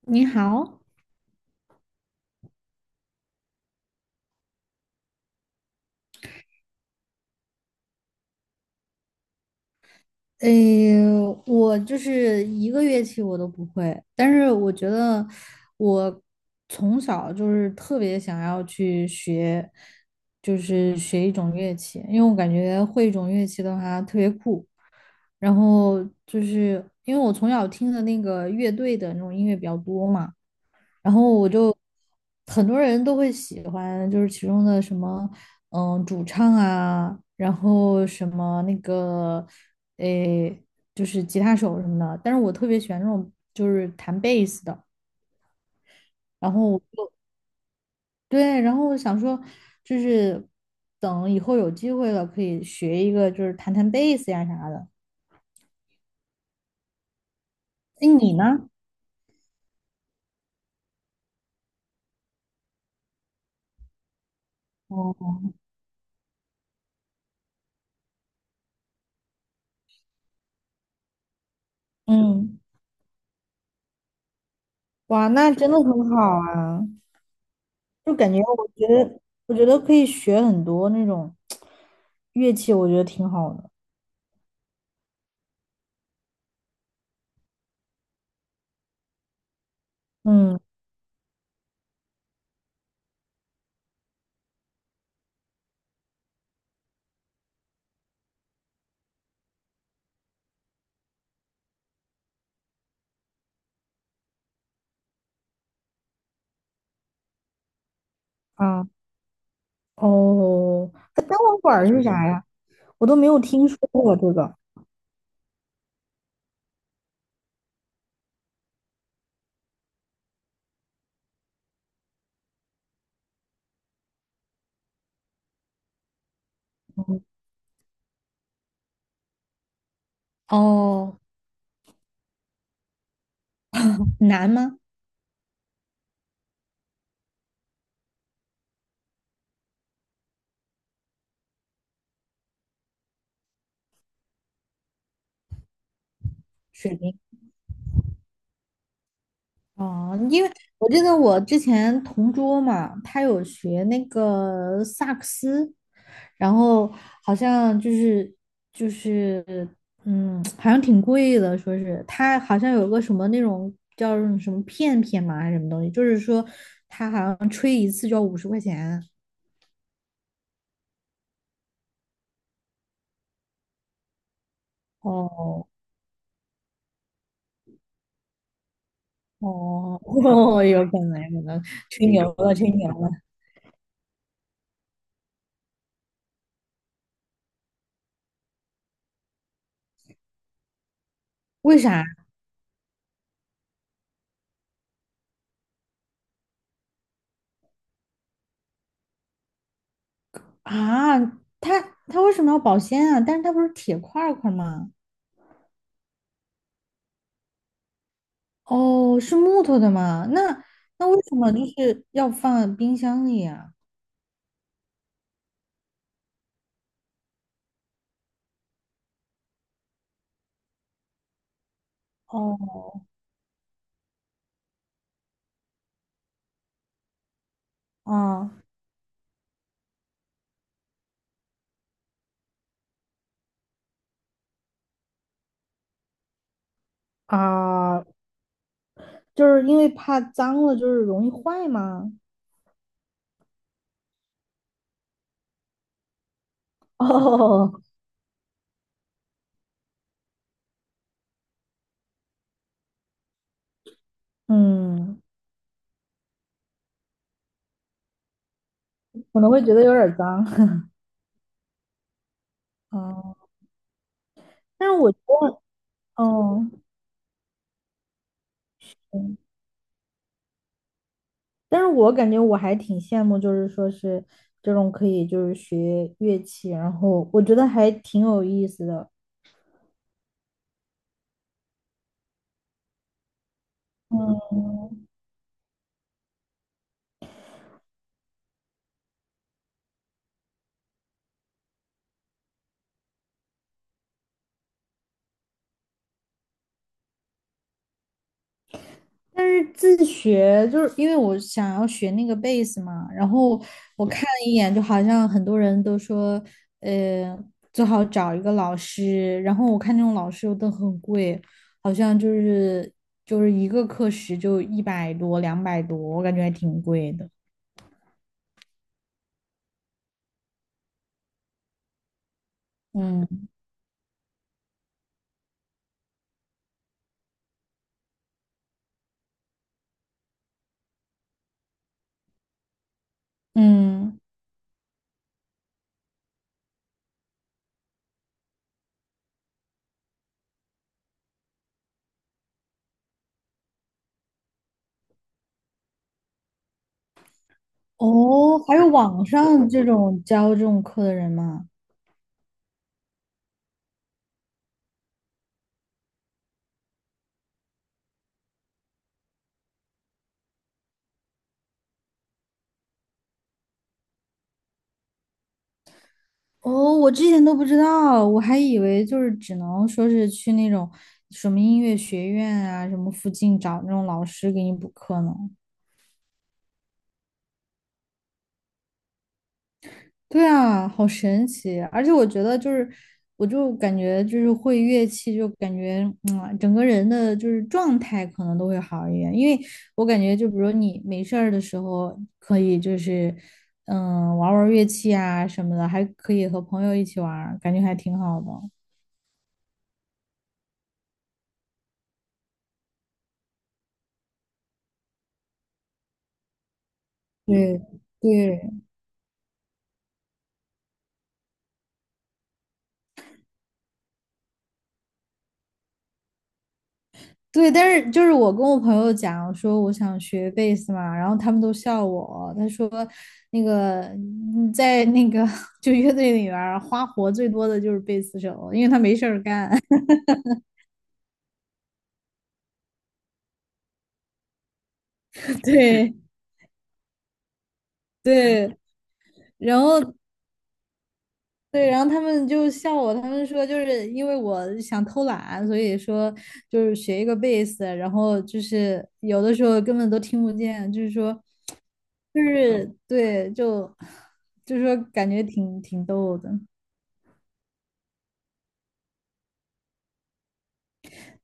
你好，诶，我就是一个乐器我都不会，但是我觉得我从小就是特别想要去学，就是学一种乐器，因为我感觉会一种乐器的话特别酷。然后就是因为我从小听的那个乐队的那种音乐比较多嘛，然后很多人都会喜欢，就是其中的什么，主唱啊，然后什么那个，诶，就是吉他手什么的。但是我特别喜欢那种就是弹贝斯的。然后对，然后我想说，就是等以后有机会了，可以学一个，就是弹弹贝斯呀啥的。哎，你呢？哦，嗯，哇，那真的很好啊。就感觉我觉得可以学很多那种乐器，我觉得挺好的。嗯啊哦，那单簧管儿是啥呀？我都没有听说过这个。嗯哦，难吗？水平？哦，因为我记得我之前同桌嘛，他有学那个萨克斯，然后好像就是，好像挺贵的，说是他好像有个什么那种叫什么片片嘛，还是什么东西，就是说他好像吹一次就要50块钱。哦哦 哦，有可能有可能，吹牛了吹牛了，为啥啊？他他为什么要保鲜啊？但是他不是铁块儿吗？哦，是木头的吗？那为什么就是要放冰箱里呀？哦，啊啊，就是因为怕脏了，就是容易坏吗？哦，嗯，可能会觉得有点儿脏。哦，但是我觉得，哦，嗯但是我感觉我还挺羡慕，就是说是这种可以就是学乐器，然后我觉得还挺有意思的。嗯但是自学就是因为我想要学那个贝斯嘛，然后我看了一眼，就好像很多人都说，呃，最好找一个老师，然后我看那种老师又都很贵，好像就是一个课时就100多、200多，我感觉还挺贵的。嗯嗯，哦，还有网上这种教这种课的人吗？哦，我之前都不知道，我还以为就是只能说是去那种什么音乐学院啊，什么附近找那种老师给你补课呢。对啊，好神奇！而且我觉得就是，我就感觉就是会乐器，就感觉嗯，整个人的就是状态可能都会好一点，因为我感觉就比如你没事儿的时候可以就是嗯玩儿玩儿乐器啊什么的，还可以和朋友一起玩儿感觉还挺好的。对对，对，但是就是我跟我朋友讲，我说我想学贝斯嘛，然后他们都笑我。他说，那个嗯在那个 就乐队里边花活最多的就是贝斯手，因为他没事儿干。对对，然后对，然后他们就笑我，他们说就是因为我想偷懒，所以说就是学一个贝斯，然后就是有的时候根本都听不见，就是说。就是对，就 就是说感觉挺逗的。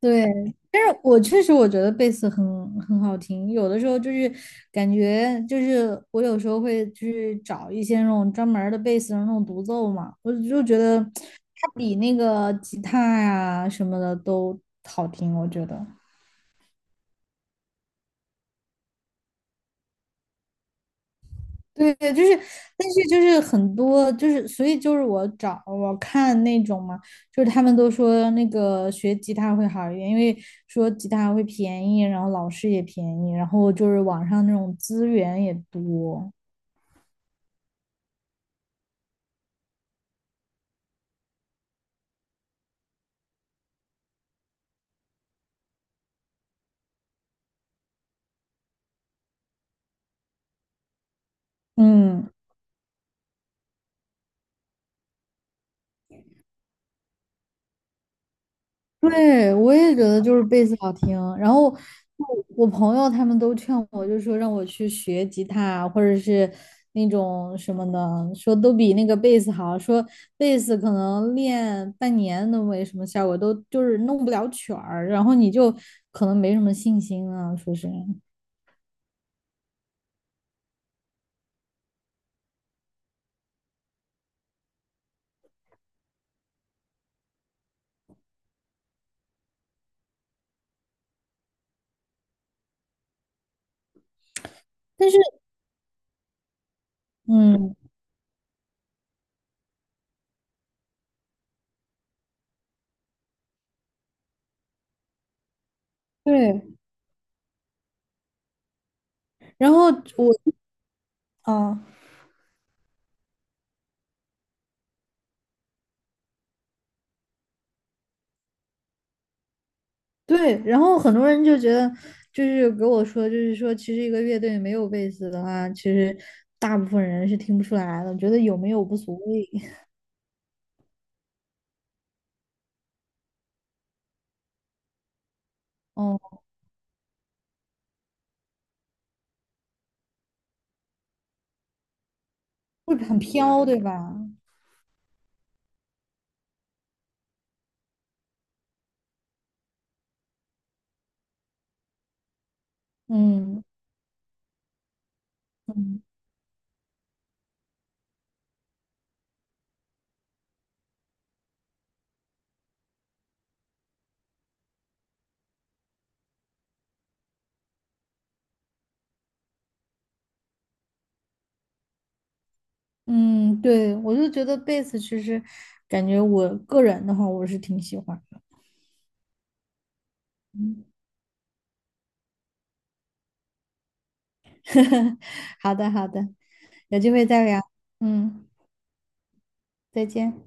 对，但是我确实我觉得贝斯很好听，有的时候就是感觉就是我有时候会去找一些那种专门儿的贝斯的那种独奏嘛，我就觉得它比那个吉他呀什么的都好听，我觉得。对对，就是，但是就是很多，就是所以就是我看那种嘛，就是他们都说那个学吉他会好一点，因为说吉他会便宜，然后老师也便宜，然后就是网上那种资源也多。嗯。对，我也觉得就是贝斯好听。然后我朋友他们都劝我，就说让我去学吉他，或者是那种什么的，说都比那个贝斯好。说贝斯可能练半年都没什么效果，都就是弄不了曲儿，然后你就可能没什么信心啊，说是。但是，嗯，对。然后我，啊。对，然后很多人就觉得，就是给我说，就是说，其实一个乐队没有贝斯的话，其实大部分人是听不出来的，觉得有没有无所谓，哦，会很飘，对吧？嗯嗯嗯，对，我就觉得贝斯其实感觉我个人的话，我是挺喜欢的。嗯，好的好的，有机会再聊。嗯，再见。